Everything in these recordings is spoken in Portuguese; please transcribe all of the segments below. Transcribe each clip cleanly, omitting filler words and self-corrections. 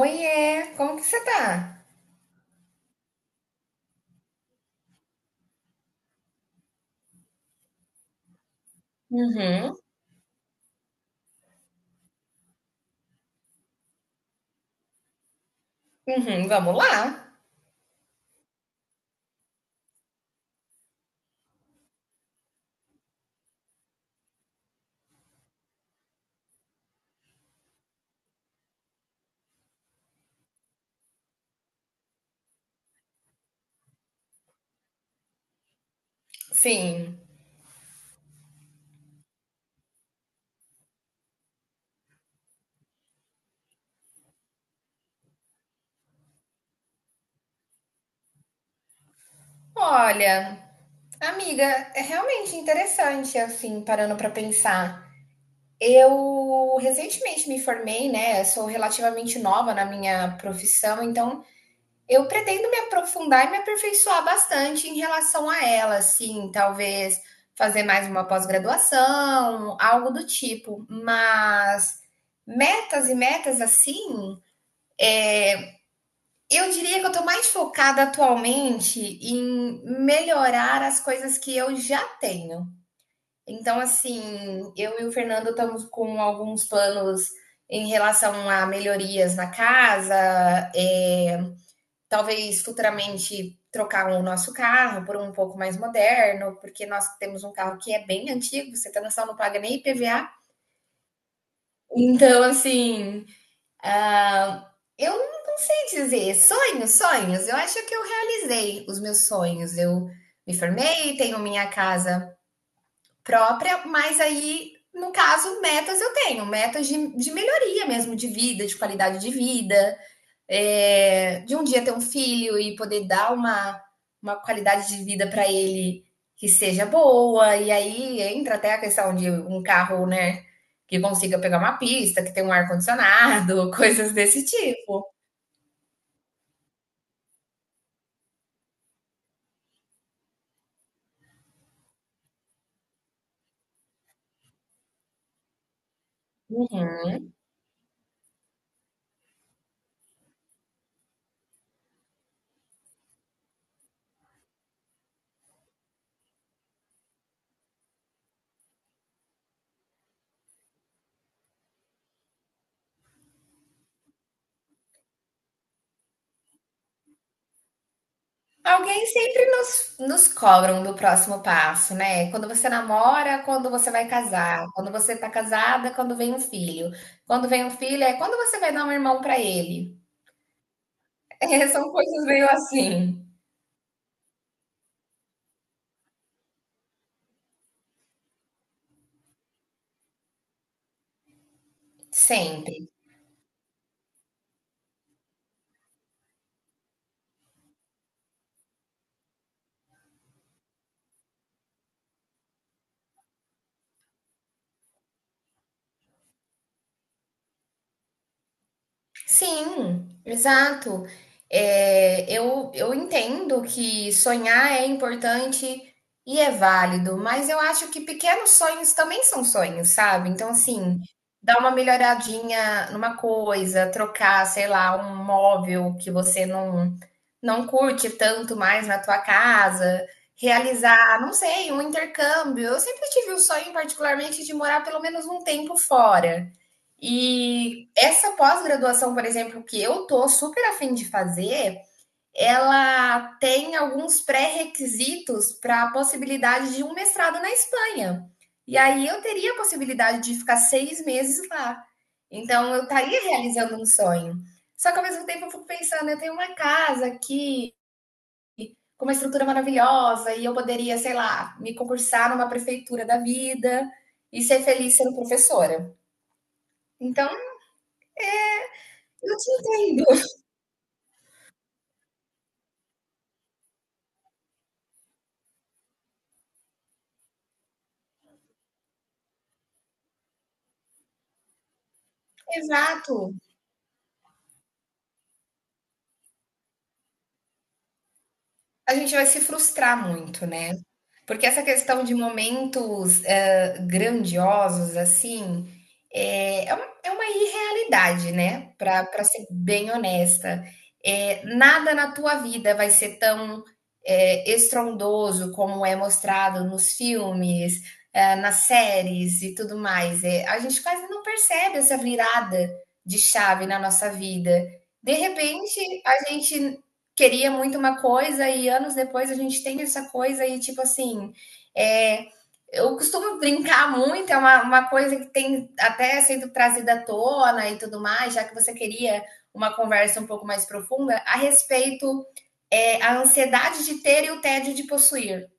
Oiê, como que você tá? Uhum, uhum, vamos lá. Sim. Olha, amiga, é realmente interessante, assim, parando pra pensar. Eu recentemente me formei, né? Sou relativamente nova na minha profissão, então eu pretendo me aprofundar e me aperfeiçoar bastante em relação a ela, assim, talvez fazer mais uma pós-graduação, algo do tipo. Mas metas e metas assim. Eu diria que eu estou mais focada atualmente em melhorar as coisas que eu já tenho. Então, assim, eu e o Fernando estamos com alguns planos em relação a melhorias na casa, é, talvez futuramente trocar o nosso carro por um pouco mais moderno, porque nós temos um carro que é bem antigo, você tá noção, não paga nem IPVA. Então, assim, ah, eu não sei dizer. Sonhos, sonhos. Eu acho que eu realizei os meus sonhos. Eu me formei, tenho minha casa própria, mas aí, no caso, metas eu tenho. Metas de melhoria mesmo, de vida, de qualidade de vida é, de um dia ter um filho e poder dar uma qualidade de vida para ele que seja boa. E aí entra até a questão de um carro, né? Que consiga pegar uma pista, que tenha um ar-condicionado, coisas desse tipo. Uhum. Alguém sempre nos, nos cobram do próximo passo, né? Quando você namora, quando você vai casar, quando você tá casada, quando vem um filho. Quando vem um filho, é quando você vai dar um irmão para ele. É, são coisas meio assim, sempre. Sim, exato. É, eu entendo que sonhar é importante e é válido, mas eu acho que pequenos sonhos também são sonhos, sabe? Então, assim, dar uma melhoradinha numa coisa, trocar, sei lá, um móvel que você não, não curte tanto mais na tua casa, realizar, não sei, um intercâmbio. Eu sempre tive o sonho, particularmente, de morar pelo menos um tempo fora. E essa pós-graduação, por exemplo, que eu tô super afim de fazer, ela tem alguns pré-requisitos para a possibilidade de um mestrado na Espanha. E aí eu teria a possibilidade de ficar seis meses lá. Então eu estaria realizando um sonho. Só que ao mesmo tempo eu fico pensando, eu tenho uma casa aqui com uma estrutura maravilhosa e eu poderia, sei lá, me concursar numa prefeitura da vida e ser feliz sendo professora. Então, eu te entendo. Exato. A gente vai se frustrar muito, né. Porque essa questão de momentos, grandiosos, assim, é uma irrealidade, né, para ser bem honesta. Nada na tua vida vai ser tão, estrondoso como é mostrado nos filmes, nas séries e tudo mais. A gente quase não percebe essa virada de chave na nossa vida. De repente, a gente queria muito uma coisa e anos depois a gente tem essa coisa e tipo assim, é, eu costumo brincar muito, é uma coisa que tem até sendo trazida à tona e tudo mais, já que você queria uma conversa um pouco mais profunda a respeito é, a ansiedade de ter e o tédio de possuir.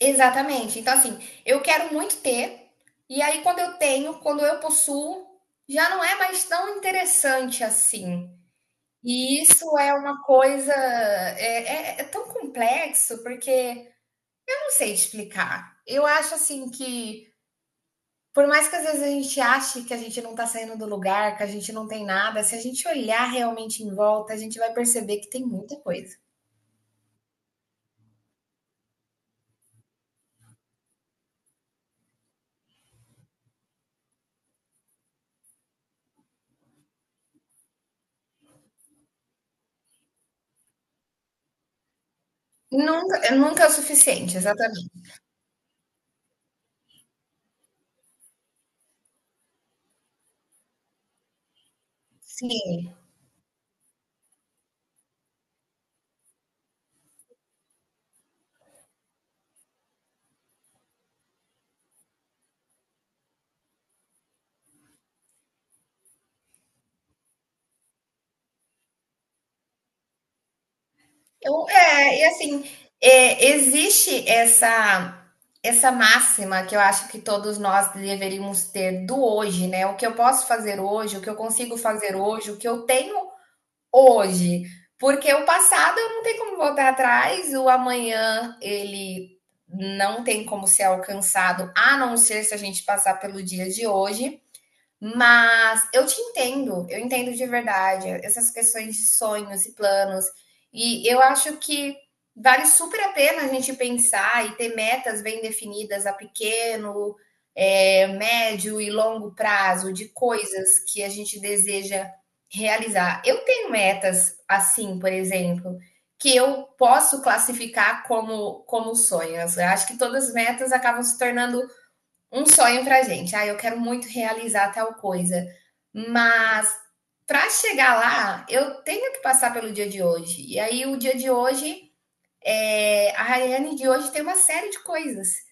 Exatamente. Então assim, eu quero muito ter e aí quando eu tenho, quando eu possuo, já não é mais tão interessante assim. E isso é uma coisa é tão complexo porque eu não sei explicar. Eu acho assim que por mais que às vezes a gente ache que a gente não está saindo do lugar, que a gente não tem nada, se a gente olhar realmente em volta, a gente vai perceber que tem muita coisa. Nunca, nunca é o suficiente, exatamente. Sim. E assim, existe essa máxima que eu acho que todos nós deveríamos ter do hoje, né? O que eu posso fazer hoje, o que eu consigo fazer hoje, o que eu tenho hoje. Porque o passado eu não tenho como voltar atrás, o amanhã ele não tem como ser alcançado, a não ser se a gente passar pelo dia de hoje. Mas eu te entendo, eu entendo de verdade essas questões de sonhos e planos. E eu acho que vale super a pena a gente pensar e ter metas bem definidas a pequeno, médio e longo prazo de coisas que a gente deseja realizar. Eu tenho metas assim, por exemplo, que eu posso classificar como sonhos. Eu acho que todas as metas acabam se tornando um sonho para gente. Ah, eu quero muito realizar tal coisa, mas para chegar lá, eu tenho que passar pelo dia de hoje. E aí, o dia de hoje, é... a Rayane de hoje tem uma série de coisas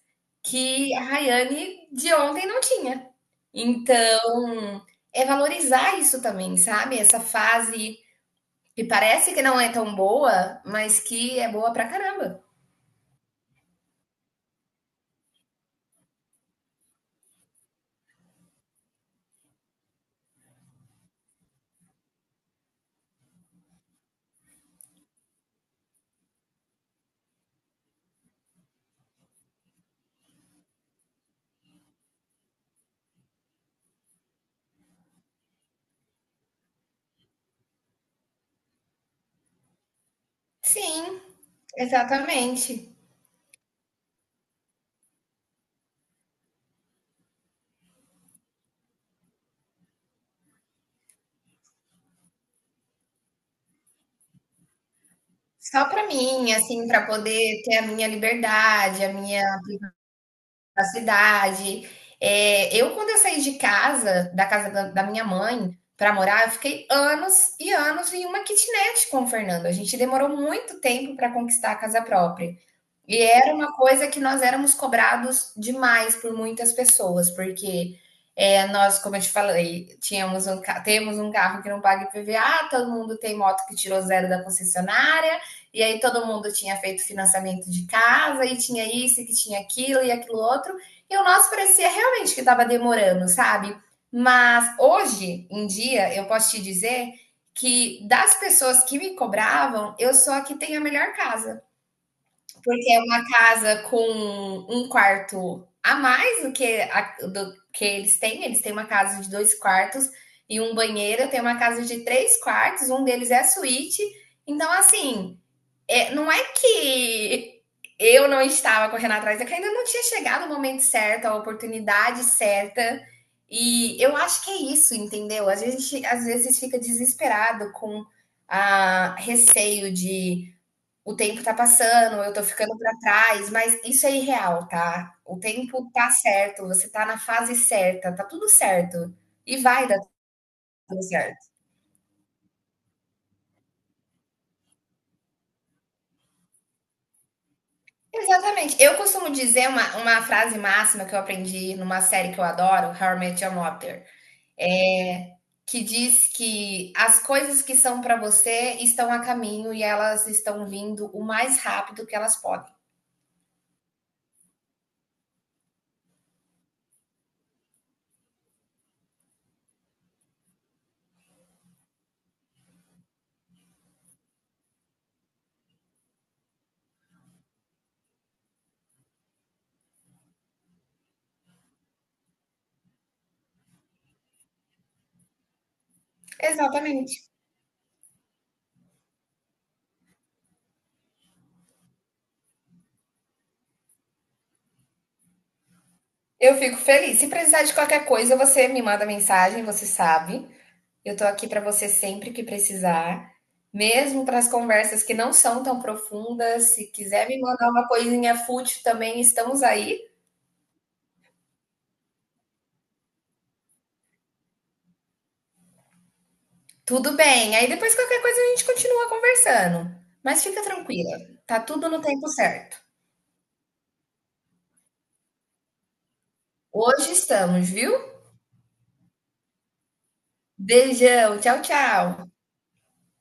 que a Rayane de ontem não tinha. Então, é valorizar isso também, sabe? Essa fase que parece que não é tão boa, mas que é boa pra caramba. Sim, exatamente. Só pra mim, assim, pra poder ter a minha liberdade, a minha privacidade. Eu quando eu saí de casa, da casa da minha mãe, pra morar, eu fiquei anos e anos em uma kitnet com o Fernando, a gente demorou muito tempo pra conquistar a casa própria. E era uma coisa que nós éramos cobrados demais por muitas pessoas, porque nós, como eu te falei, temos um carro que não paga IPVA, todo mundo tem moto que tirou zero da concessionária, e aí todo mundo tinha feito financiamento de casa, e tinha isso, e que tinha aquilo, e aquilo outro, e o nosso parecia realmente que estava demorando, sabe? Mas hoje em dia, eu posso te dizer que das pessoas que me cobravam, eu sou a que tem a melhor casa. Porque é uma casa com um quarto a mais do do que eles têm. Eles têm uma casa de dois quartos e um banheiro. Eu tenho uma casa de três quartos, um deles é a suíte. Então, assim, não é que eu não estava correndo atrás, é que ainda não tinha chegado o momento certo, a oportunidade certa. E eu acho que é isso, entendeu? Às vezes fica desesperado com a receio de o tempo tá passando, eu tô ficando pra trás, mas isso é irreal, tá? O tempo tá certo, você tá na fase certa, tá tudo certo. E vai dar tudo certo. Exatamente. Eu costumo dizer uma frase máxima que eu aprendi numa série que eu adoro, How I Met Your Mother, é, que diz que as coisas que são pra você estão a caminho e elas estão vindo o mais rápido que elas podem. Exatamente. Eu fico feliz. Se precisar de qualquer coisa, você me manda mensagem, você sabe. Eu tô aqui para você sempre que precisar, mesmo para as conversas que não são tão profundas. Se quiser me mandar uma coisinha fútil também, estamos aí. Tudo bem. Aí depois qualquer coisa a gente continua conversando. Mas fica tranquila, tá tudo no tempo certo. Hoje estamos, viu? Beijão, tchau, tchau.